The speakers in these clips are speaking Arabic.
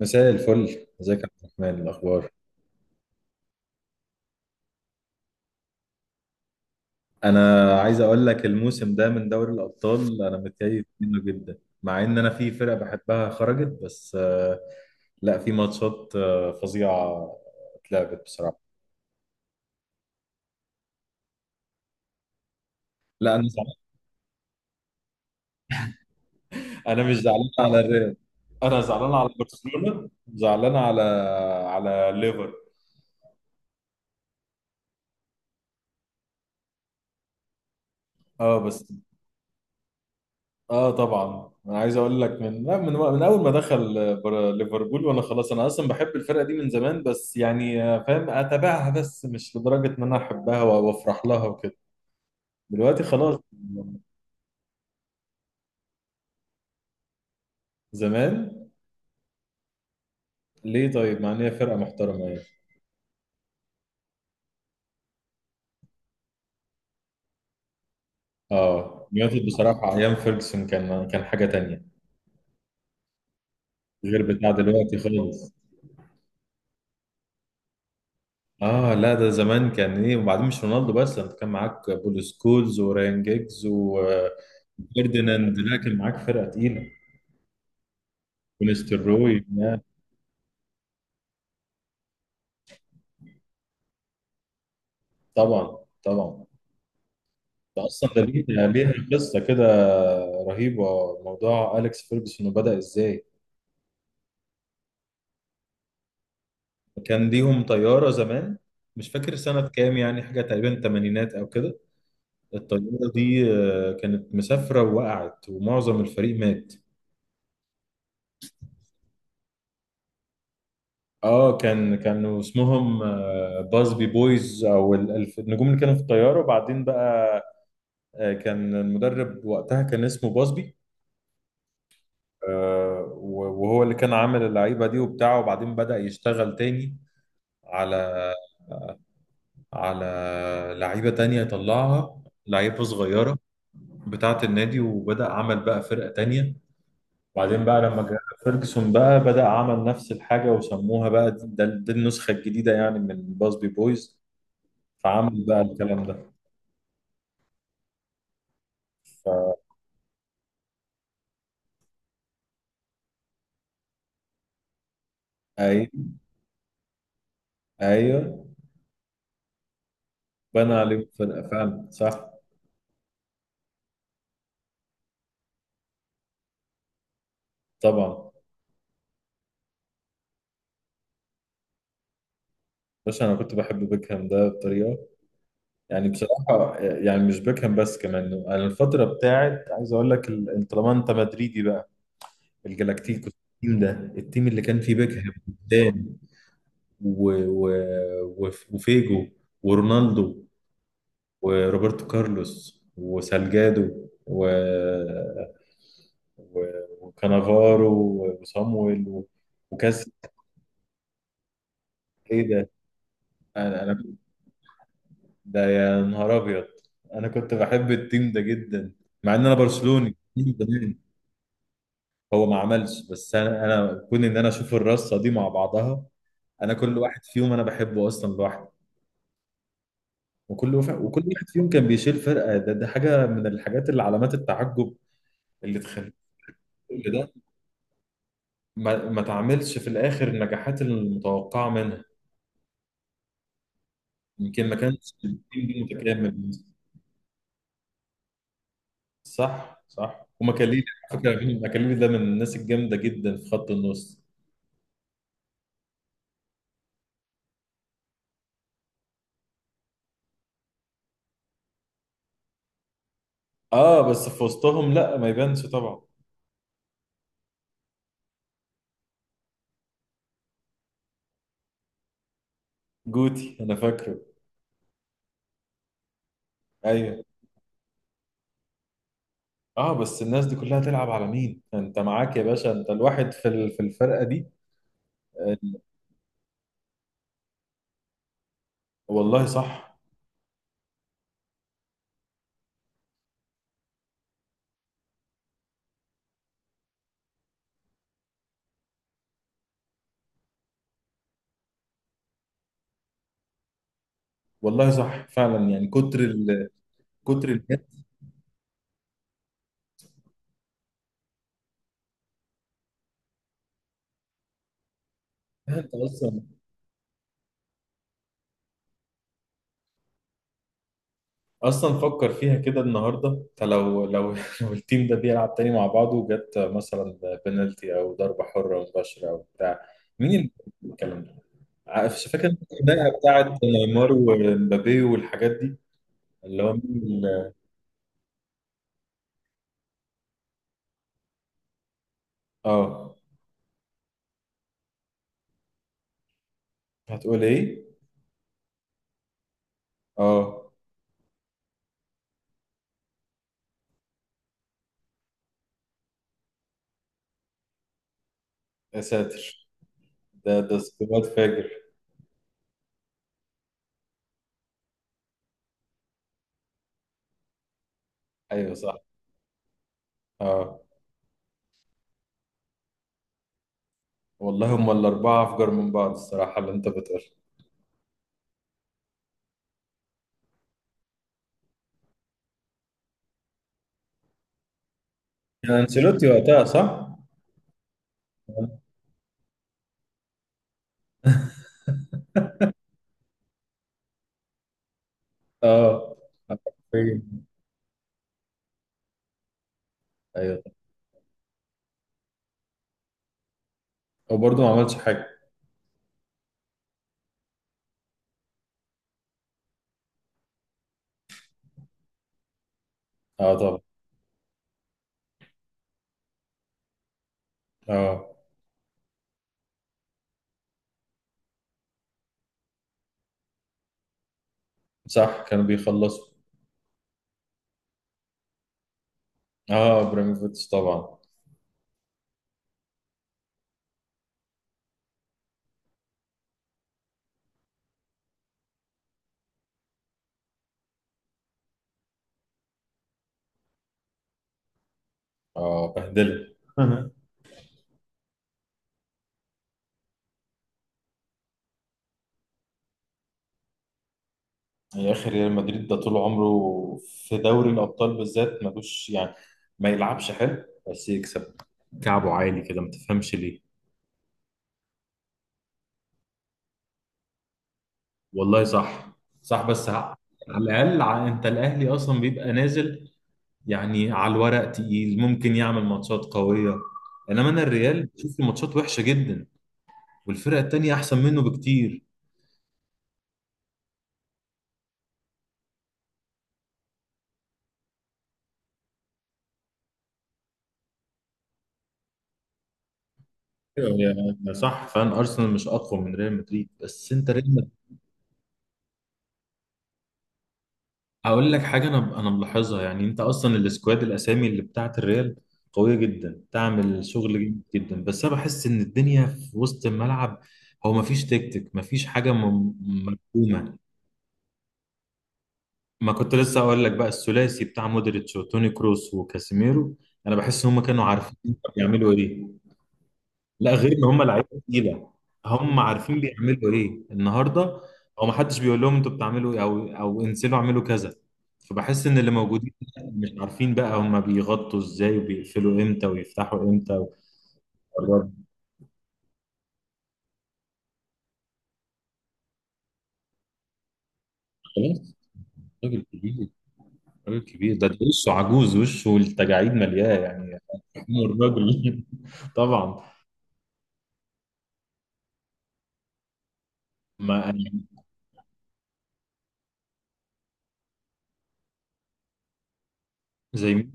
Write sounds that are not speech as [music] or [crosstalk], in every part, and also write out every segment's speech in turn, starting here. مساء الفل، ازيك يا عبد الرحمن؟ إيه الاخبار؟ انا عايز اقول لك، الموسم ده من دوري الابطال انا متكيف منه جدا مع ان انا في فرق بحبها خرجت بس لا، في ماتشات فظيعه اتلعبت بصراحه. لا انا زعلان، انا مش زعلان على الريال، انا زعلان على برشلونه، زعلان على ليفر. اه بس. اه طبعا، انا عايز اقول لك من لا، من من اول ما دخل ليفربول، وانا خلاص انا اصلا بحب الفرقه دي من زمان بس يعني فاهم، اتابعها بس مش لدرجه ان انا احبها وافرح لها وكده. دلوقتي خلاص. زمان. ليه طيب؟ مع ان هي فرقه محترمه يعني. اه يونايتد بصراحه، ايام فيرجسون كان حاجه تانية، غير بتاع دلوقتي خالص. اه لا، ده زمان كان ايه؟ وبعدين مش رونالدو بس، انت كان معاك بول سكولز وراين جيجز و فيرديناند. لا، كان معاك فرقه تقيله. ونستر روي، لا. طبعا. طبعا. ده اصلا، ده ليه ليها قصه كده رهيبه، موضوع اليكس فيرجسون وبدا ازاي. كان ليهم طياره زمان، مش فاكر سنه كام يعني، حاجه تقريبا تمانينات او كده. الطياره دي كانت مسافره، ووقعت ومعظم الفريق مات. اه، كانوا اسمهم بازبي بويز، او النجوم اللي كانوا في الطياره. وبعدين بقى، كان المدرب وقتها كان اسمه بازبي. وهو اللي كان عامل اللعيبة دي وبتاعه، وبعدين بدأ يشتغل تاني على على لعيبة تانية، يطلعها لعيبة صغيرة بتاعة النادي، وبدأ عمل بقى فرقة تانية. وبعدين بقى لما جه فيرجسون بقى، بدأ عمل نفس الحاجة وسموها بقى دي النسخة الجديدة يعني من باسبي بويز. فعمل بقى الكلام ده. فأي. أيوه، بنى عليه فرقة فعلا، صح. طبعا. بس أنا كنت بحب بيكهام ده بطريقة يعني، بصراحة يعني مش بيكهام بس، كمان أنا الفترة بتاعت، عايز أقول لك، طالما أنت مدريدي بقى، الجلاكتيكوس، التيم ده، التيم اللي كان فيه بيكهام قدام، و... و... وفيجو ورونالدو وروبرتو كارلوس وسالجادو و... وكانافارو وصامويل وكاس. إيه ده؟ أنا ده، يا نهار أبيض! أنا كنت بحب التيم ده جدا، مع إن أنا برشلوني من زمان. هو ما عملش، بس انا كون ان انا اشوف الرصه دي مع بعضها، انا كل واحد فيهم انا بحبه اصلا لوحده. وكل واحد فيهم كان بيشيل فرقه. ده حاجه من الحاجات، اللي علامات التعجب، اللي تخلي كل ده ما تعملش في الاخر النجاحات المتوقعه منها. يمكن ما كانش التيم ده متكامل مثلاً. صح، صح. ومكاليلي، على فكره، مكاليلي ده من الناس الجامده جدا في خط النص. اه بس في وسطهم لا، ما يبانش طبعا. جوتي انا فاكره. ايوه. اه بس الناس دي كلها تلعب على، مين انت معاك يا باشا، انت الواحد في الفرقه دي؟ آه، والله صح. والله صح فعلا يعني، كتر كتر الجد. انت اصلا فكر فيها كده النهارده، انت لو [laughs] لو التيم ده بيلعب تاني مع بعضه، جت مثلا بنالتي او ضربه حره مباشره او بتاع، مين اللي بيعمل الكلام ده؟ فاكر أنت الخناقه بتاعت نيمار ومبابي والحاجات دي، اللي هو مين؟ ال- اه هتقول ايه؟ اه، يا ساتر! ده سكواد فاجر! ايوه صح. اه والله، هم الاربعه افجر من بعض الصراحه اللي انت بتقول. كان انشيلوتي وقتها، صح؟ اه، حرفياً. ايوه. وبرضه ما عملش حاجه. اه طبعا. اه صح، كانوا بيخلصوا. اه ابراهيموفيتش طبعا. اه بهدله. [laughs] يا اخي، ريال مدريد ده طول عمره في دوري الابطال بالذات ملوش يعني، ما يلعبش حلو بس يكسب. كعبه عالي كده، ما تفهمش ليه. والله صح. صح بس على الاقل، انت الاهلي اصلا بيبقى نازل، يعني على الورق تقيل، ممكن يعمل ماتشات قويه. انما انا الريال بشوف الماتشات وحشه جدا، والفرقه التانيه احسن منه بكتير. ايوه صح فعلا، ارسنال مش اقوى من ريال مدريد، بس انت ريال مدريد. هقول لك حاجه انا ملاحظها، يعني انت اصلا السكواد، الاسامي اللي بتاعت الريال قويه جدا، تعمل شغل جامد جدا، بس انا بحس ان الدنيا في وسط الملعب، هو مفيش تكتيك، مفيش حاجه مرسومه. ما كنت لسه اقول لك بقى، الثلاثي بتاع مودريتش وتوني كروس وكاسيميرو، انا بحس هم كانوا عارفين بيعملوا ايه، لا غير ان هم لعيبه تقيله. هم عارفين بيعملوا ايه النهارده، هو ما حدش بيقول لهم انتوا بتعملوا ايه، او انزلوا اعملوا كذا. فبحس ان اللي موجودين مش عارفين بقى هم بيغطوا ازاي، وبيقفلوا امتى ويفتحوا امتى ويقربوا. خلاص. راجل كبير، راجل كبير. ده وشه عجوز، وشه التجاعيد ملياه يعني. [laughs] الراجل. [laughs] طبعا. ما يعني. زي مين؟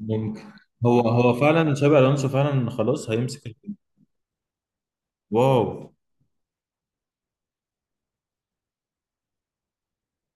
ممكن. هو فعلا، شابي الونسو فعلا خلاص هيمسك واو.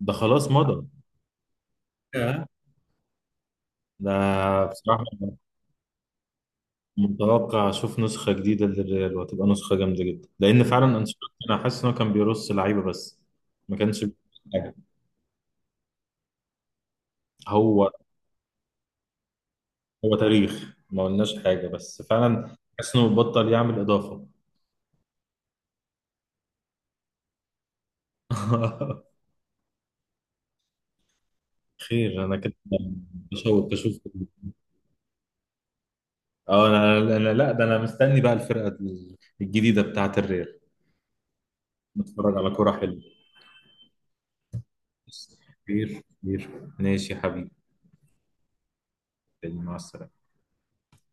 ده خلاص مضى. آه. ده بصراحه، متوقع اشوف نسخه جديده للريال، وهتبقى نسخه جامده جدا، لان فعلا انشيلوتي انا حاسس ان هو كان بيرص لعيبه بس، ما كانش بيعمل حاجه. هو هو تاريخ، ما قلناش حاجه بس فعلا حاسس انه بطل يعمل اضافه. [laughs] خير. انا كده مشوق اشوف. اه، انا لا، ده انا مستني بقى الفرقه الجديده بتاعه الريال. نتفرج على كورة حلوة. بس. كتير كتير. ماشي يا حبيبي، مع السلامة.